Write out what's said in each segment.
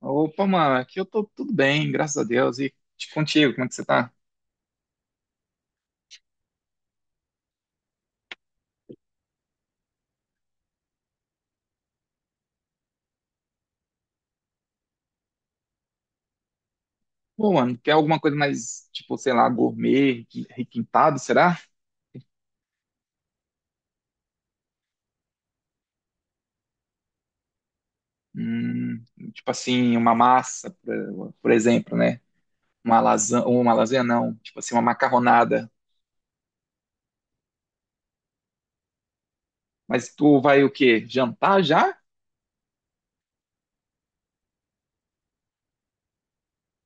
Opa, mano, aqui eu tô tudo bem, graças a Deus. E contigo, como é que você tá? Pô, mano, quer alguma coisa mais, tipo, sei lá, gourmet, requintado, será? Hum, tipo assim, uma massa, por exemplo, né? Uma lasanha, ou uma lasanha não, tipo assim, uma macarronada. Mas tu vai o quê? Jantar já?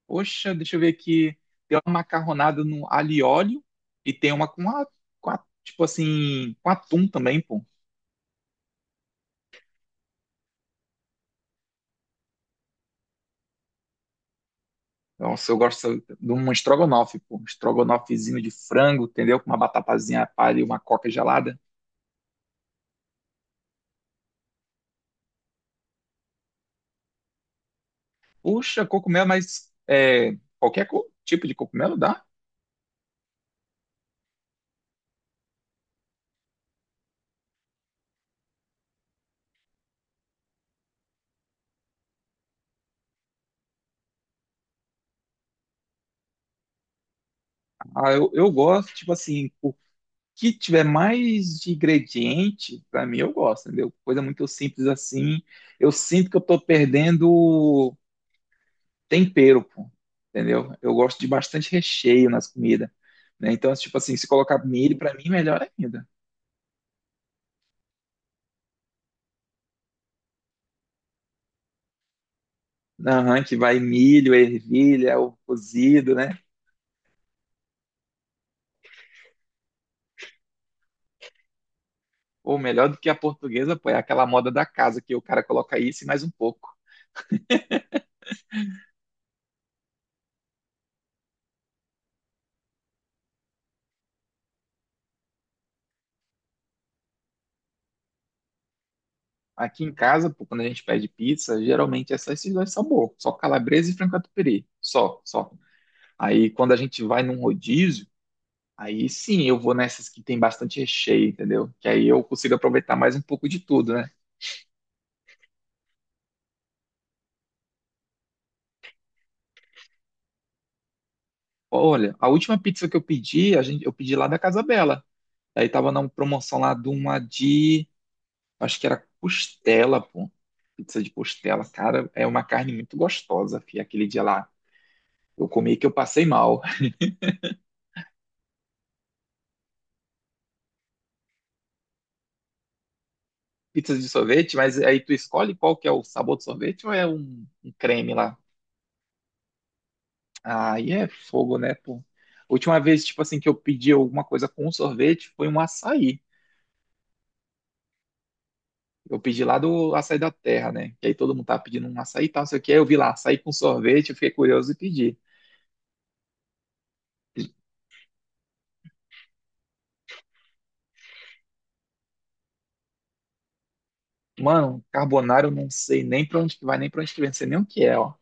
Poxa, deixa eu ver aqui. Tem uma macarronada no alho e óleo e tem uma tipo assim, com atum também, pô. Nossa, eu gosto de um estrogonofe, pô. Um estrogonofezinho de frango, entendeu? Com uma batapazinha palha e uma coca gelada. Puxa, cogumelo, mas é, qualquer tipo de cogumelo dá. Ah, eu gosto, tipo assim, o que tiver mais de ingrediente, pra mim eu gosto, entendeu? Coisa muito simples assim. Eu sinto que eu tô perdendo tempero, pô. Entendeu? Eu gosto de bastante recheio nas comidas, né? Então, tipo assim, se colocar milho, pra mim, melhor ainda. Aham, que vai milho, ervilha, ovo cozido, né? Ou melhor do que a portuguesa, pô, é aquela moda da casa que o cara coloca isso e mais um pouco. Aqui em casa, pô, quando a gente pede pizza, geralmente esses dois são bons, só calabresa e frango catupiry, só, só. Aí quando a gente vai num rodízio, aí sim eu vou nessas que tem bastante recheio, entendeu? Que aí eu consigo aproveitar mais um pouco de tudo, né? Olha, a última pizza que eu pedi, a gente, eu pedi lá da Casa Bela. Aí tava na promoção lá de uma de Acho que era costela, pô. Pizza de costela, cara, é uma carne muito gostosa, fi. Aquele dia lá eu comi que eu passei mal. Pizza de sorvete, mas aí tu escolhe qual que é o sabor do sorvete ou é um creme lá? Aí é fogo, né, pô? Última vez, tipo assim, que eu pedi alguma coisa com sorvete foi um açaí. Eu pedi lá do açaí da terra, né? Que aí todo mundo tava pedindo um açaí e tal, não sei o que. Aí eu vi lá açaí com sorvete, eu fiquei curioso e pedi. Mano, carbonara eu não sei nem pra onde que vai, nem pra onde que vem, não sei nem o que é, ó.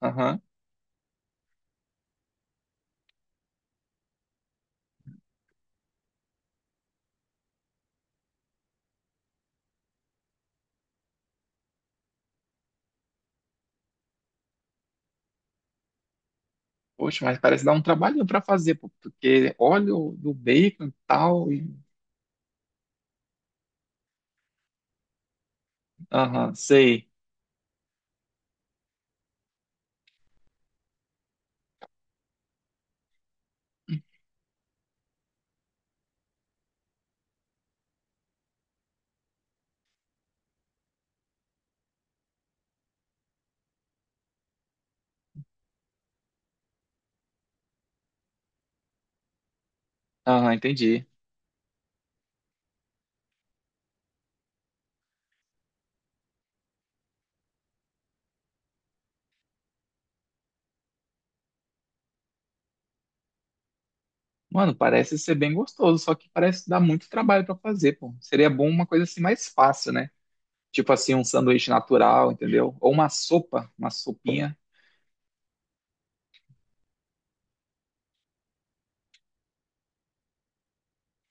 Aham. Poxa, mas parece dar um trabalhinho para fazer, pô, porque óleo do bacon e tal. E- Aham, sei. Aham, entendi. Mano, parece ser bem gostoso, só que parece dar muito trabalho para fazer, pô. Seria bom uma coisa assim mais fácil, né? Tipo assim, um sanduíche natural, entendeu? Ou uma sopa, uma sopinha.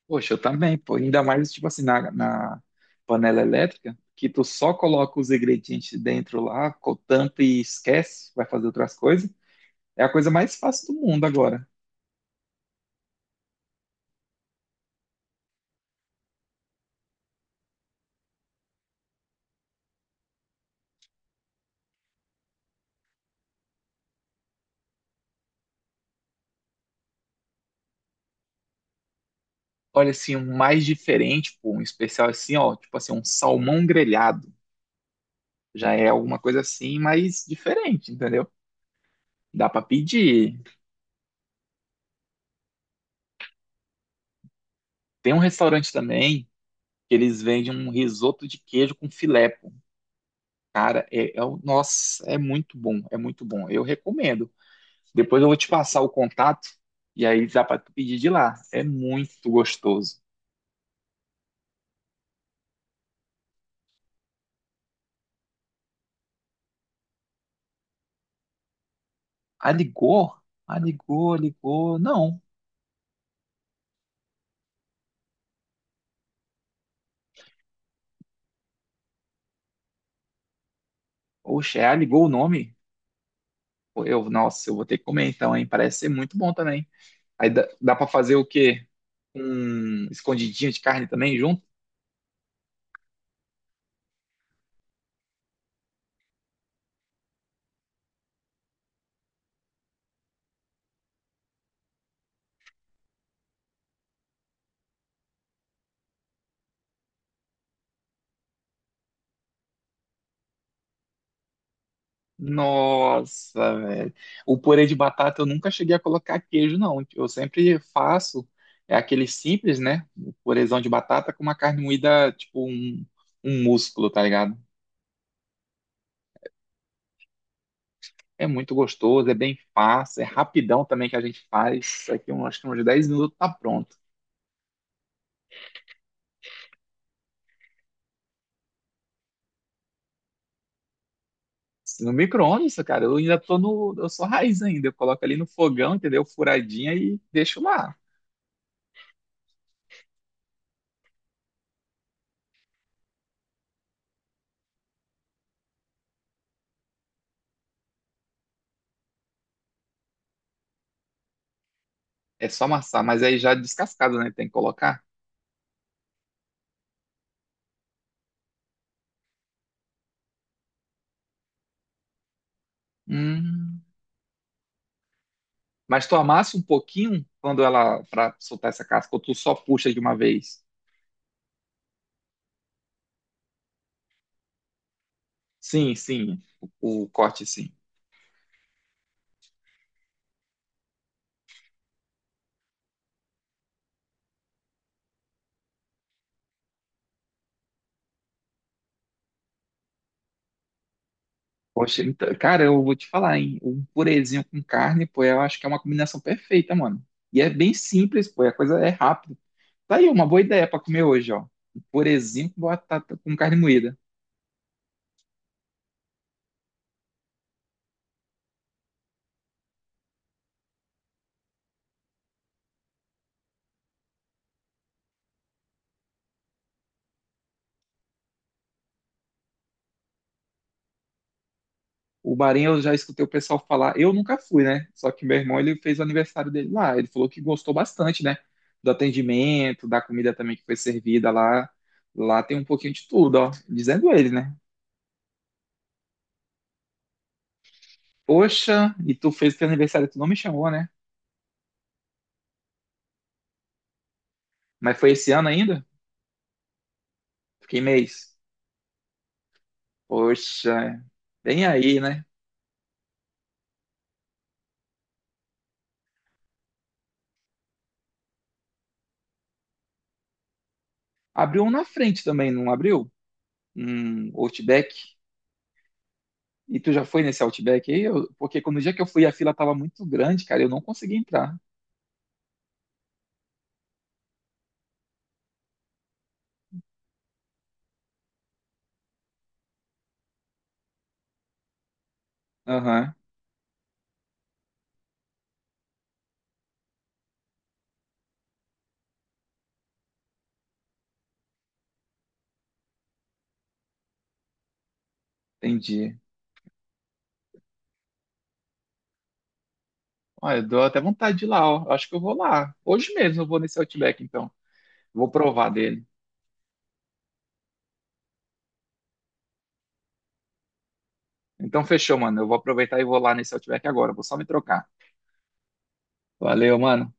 Poxa, eu também, pô. Ainda mais, tipo assim, na panela elétrica, que tu só coloca os ingredientes dentro lá, tampa e esquece, vai fazer outras coisas. É a coisa mais fácil do mundo agora. Olha, assim, um mais diferente, pô, um especial assim, ó, tipo assim, um salmão grelhado. Já é alguma coisa assim, mas diferente, entendeu? Dá pra pedir. Tem um restaurante também que eles vendem um risoto de queijo com filé, pô. Cara, nossa, é muito bom, é muito bom. Eu recomendo. Depois eu vou te passar o contato e aí dá pra tu pedir de lá. É muito gostoso. Aligou? Aligou, ligou. Não. Oxe, é Aligou o nome? Eu, nossa, eu vou ter que comer então, hein? Parece ser muito bom também. Aí dá pra fazer o quê? Um escondidinho de carne também junto? Nossa, velho. O purê de batata eu nunca cheguei a colocar queijo, não. Eu sempre faço, é aquele simples, né? O purêzão de batata com uma carne moída, tipo um, um músculo, tá ligado? É muito gostoso, é bem fácil, é rapidão também que a gente faz. Isso aqui, eu acho que uns 10 minutos tá pronto. No micro-ondas, cara, eu ainda tô no. Eu sou raiz ainda. Eu coloco ali no fogão, entendeu? Furadinha e deixo lá. É só amassar, mas aí já é descascado, né? Tem que colocar. Hum. Mas tu amassa um pouquinho quando ela. Pra soltar essa casca, ou tu só puxa de uma vez? Sim, sim. O corte, sim. Poxa, então, cara, eu vou te falar, hein? Um purezinho com carne, pô, eu acho que é uma combinação perfeita, mano. E é bem simples, pô, a coisa é rápida. Tá aí, uma boa ideia pra comer hoje, ó. Um purezinho com batata, com carne moída. O Marinho eu já escutei o pessoal falar, eu nunca fui, né? Só que meu irmão ele fez o aniversário dele lá, ele falou que gostou bastante, né? Do atendimento, da comida também que foi servida lá. Lá tem um pouquinho de tudo, ó. Dizendo ele, né? Poxa, e tu fez o teu aniversário, tu não me chamou, né? Mas foi esse ano ainda? Fiquei mês. Poxa, bem aí, né? Abriu um na frente também, não abriu? Um Outback. E tu já foi nesse Outback aí? Eu- porque quando o dia que eu fui a fila tava muito grande, cara, eu não consegui entrar. Aham, entendi. Olha, eu dou até vontade de ir lá, ó. Eu acho que eu vou lá. Hoje mesmo eu vou nesse Outback, então. Vou provar dele. Então fechou, mano. Eu vou aproveitar e vou lá nesse Outback agora. Vou só me trocar. Valeu, mano.